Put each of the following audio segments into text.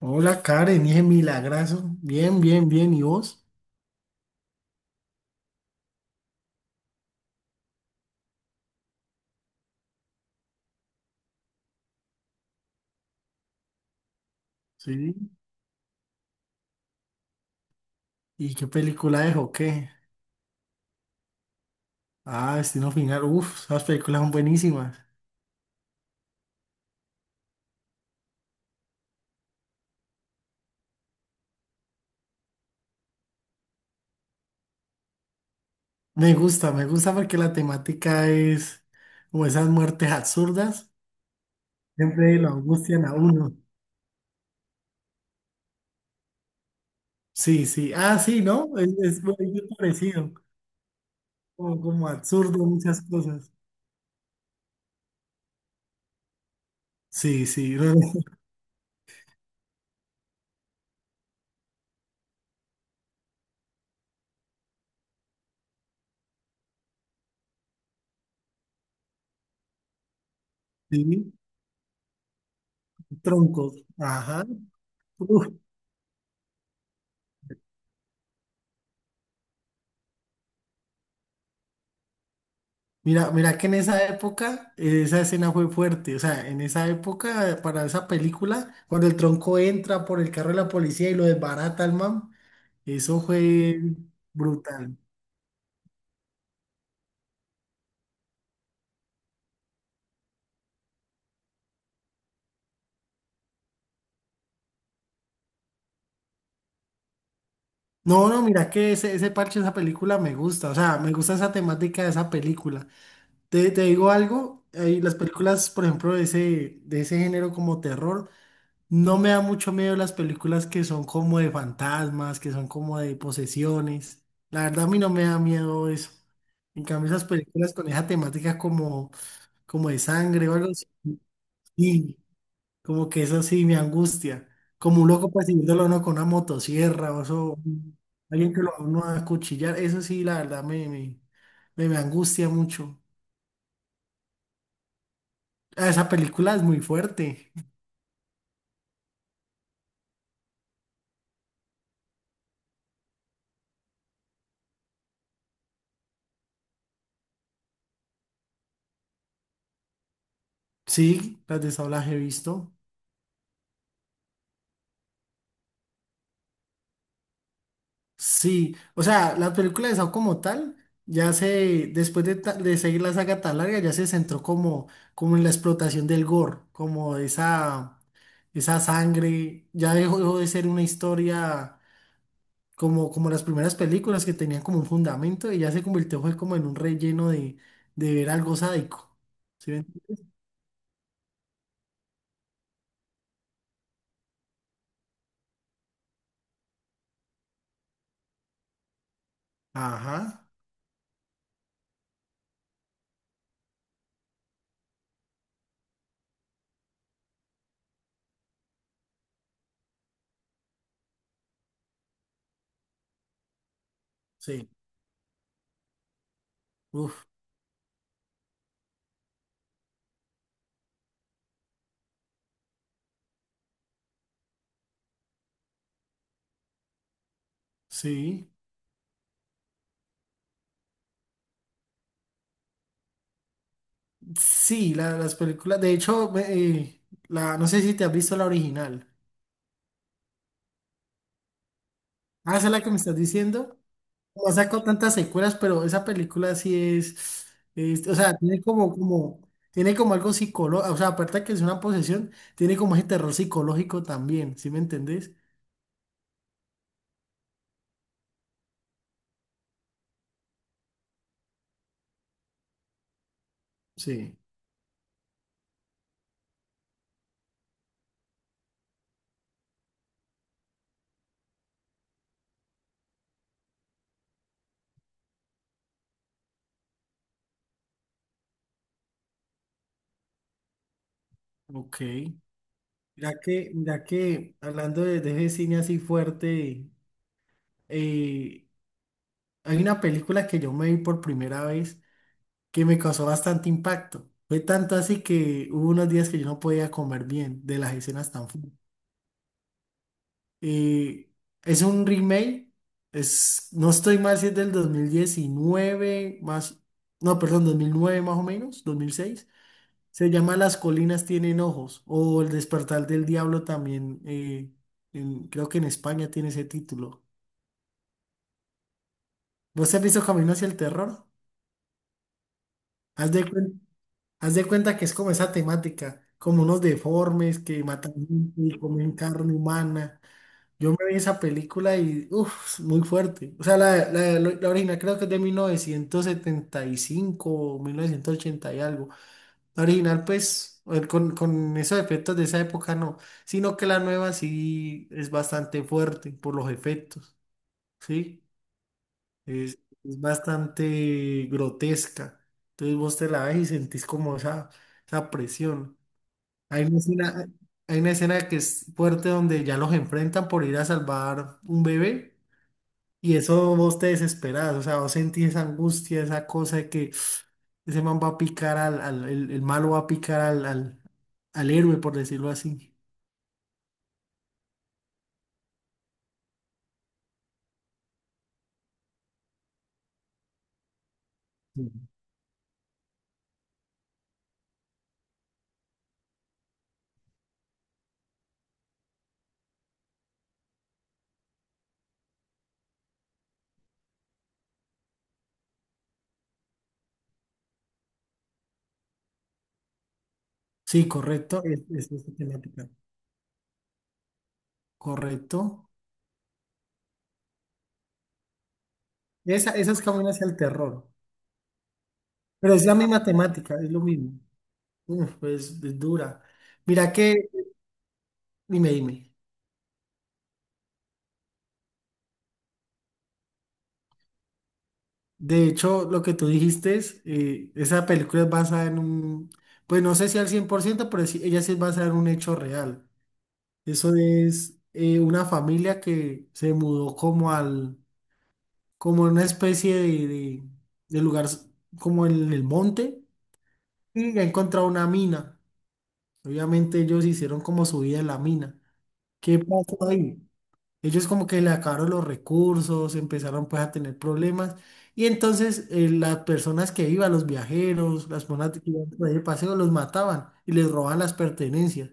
Hola Karen, dije milagrazo. Bien, bien, bien. ¿Y vos? Sí. ¿Y qué película es o qué? Ah, Destino Final. Uf, esas películas son buenísimas. Me gusta porque la temática es como esas muertes absurdas. Siempre lo angustian a uno. Sí, sí. Ah, sí, ¿no? Es muy parecido. Como, como absurdo muchas cosas. Sí, sí. Sí, troncos. Ajá. Uf. Mira, mira que en esa época esa escena fue fuerte, o sea, en esa época para esa película, cuando el tronco entra por el carro de la policía y lo desbarata al man, eso fue brutal. No, no, mira que ese parche de esa película me gusta, o sea, me gusta esa temática de esa película. Te digo algo, las películas, por ejemplo, de ese género como terror. No me da mucho miedo las películas que son como de fantasmas, que son como de posesiones. La verdad a mí no me da miedo eso. En cambio esas películas con esa temática como, como de sangre o algo así, sí, como que eso sí me angustia. Como un loco persiguiéndolo a uno con una motosierra o eso, alguien que lo va a uno a acuchillar, eso sí la verdad me angustia mucho. Ah, esa película es muy fuerte. Sí, las de Saw las he visto. Sí, o sea, la película de Saw como tal, ya se, después de, de seguir la saga tan larga, ya se centró como, como en la explotación del gore, como esa sangre, ya dejó, dejó de ser una historia como, como las primeras películas que tenían como un fundamento y ya se convirtió fue como en un relleno de ver algo sádico. ¿Sí me Ajá, sí, uf, sí, sí, las películas, de hecho, la, no sé si te has visto la original. Ah, esa es la que me estás diciendo. No ha sacado tantas secuelas, pero esa película sí es, o sea, tiene como, como, tiene como algo psicológico, o sea, aparte de que es una posesión, tiene como ese terror psicológico también, ¿sí me entendés? Sí, ok. Mira que, hablando de ese cine así fuerte, eh, hay una película que yo me vi por primera vez que me causó bastante impacto. Fue tanto así que hubo unos días que yo no podía comer bien de las escenas tan fuertes. Y es un remake, es, no estoy mal si es del 2019 más, no, perdón, 2009 más o menos, 2006. Se llama Las colinas tienen ojos o El despertar del diablo también, creo que en España tiene ese título. ¿Vos has visto Camino hacia el terror? Haz de, cuen- haz de cuenta que es como esa temática, como unos deformes que matan gente y comen carne humana. Yo me vi esa película y, uff, muy fuerte. O sea, la original creo que es de 1975 o 1980 y algo. La original, pues, con esos efectos de esa época no, sino que la nueva sí es bastante fuerte por los efectos, ¿sí? Es, es bastante grotesca. Entonces vos te la ves y sentís como esa presión. Hay una escena- hay una escena que es fuerte donde ya los enfrentan por ir a salvar un bebé. Y eso vos te desesperás, o sea, vos sentís esa angustia, esa cosa de que ese man va a picar al, el malo va a picar al, al, al héroe, por decirlo así. Ujú. Sí, correcto, es esa temática. Correcto. Esa es hacia el terror, pero es la misma temática, es lo mismo. Uf, pues es dura. Mira que, dime, dime. De hecho, lo que tú dijiste es, esa película es basada en un, pues no sé si al 100% pero ella sí es basada en un hecho real. Eso es una familia que se mudó como al, como en una especie de, de lugar, como en el monte, y ha encontrado una mina. Obviamente ellos hicieron como su vida en la mina. ¿Qué pasó ahí? Ellos como que le acabaron los recursos, empezaron pues a tener problemas, y entonces las personas que iban, los viajeros, las personas que iban por ahí de paseo, los mataban y les robaban las pertenencias.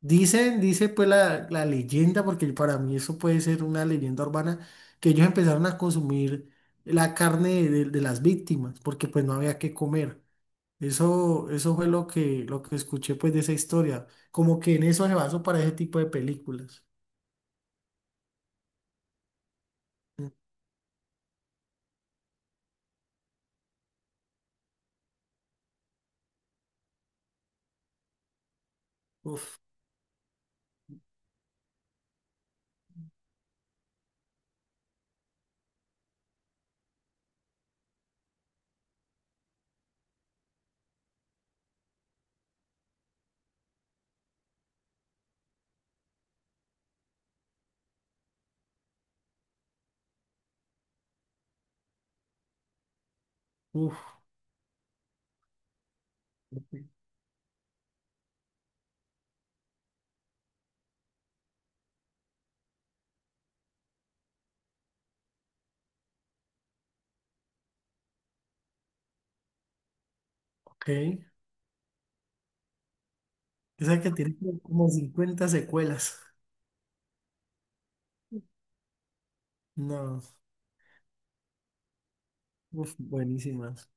Dicen, dice pues la leyenda, porque para mí eso puede ser una leyenda urbana, que ellos empezaron a consumir la carne de las víctimas, porque pues no había que comer. Eso fue lo que escuché pues de esa historia. Como que en eso se basó para ese tipo de películas. Uf, uf, ok. Esa que tiene como 50 secuelas. No, uf, buenísimas.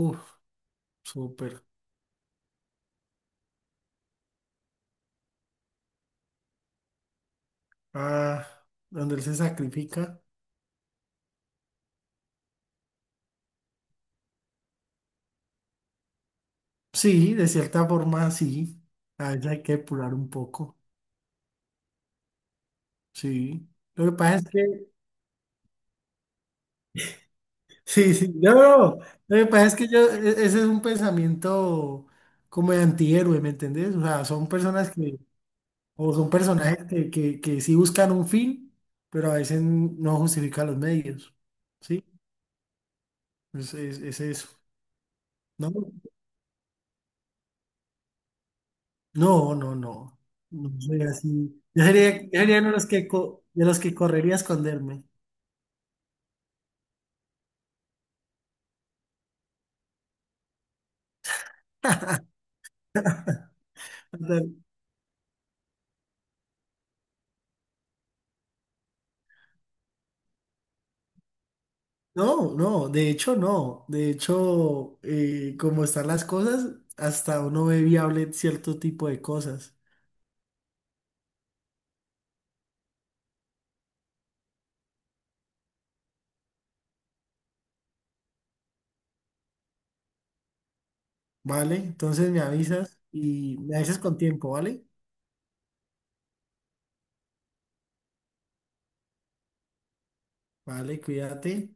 Uf, súper. Ah, donde él se sacrifica. Sí, de cierta forma sí. A veces hay que depurar un poco. Sí. Lo que pasa es que, sí, sí, no, no. Lo que pasa es que yo, ese es un pensamiento como de antihéroe, ¿me entendés? O sea, son personas que, o son personajes que, que sí buscan un fin, pero a veces no justifican los medios. Sí, es eso. No, no, no, no. No soy así. Yo sería uno de los que, de los que correría a esconderme. No, no, de hecho no. De hecho, como están las cosas, hasta uno ve viable cierto tipo de cosas, ¿vale? Entonces me avisas y me avisas con tiempo, ¿vale? Vale, cuídate.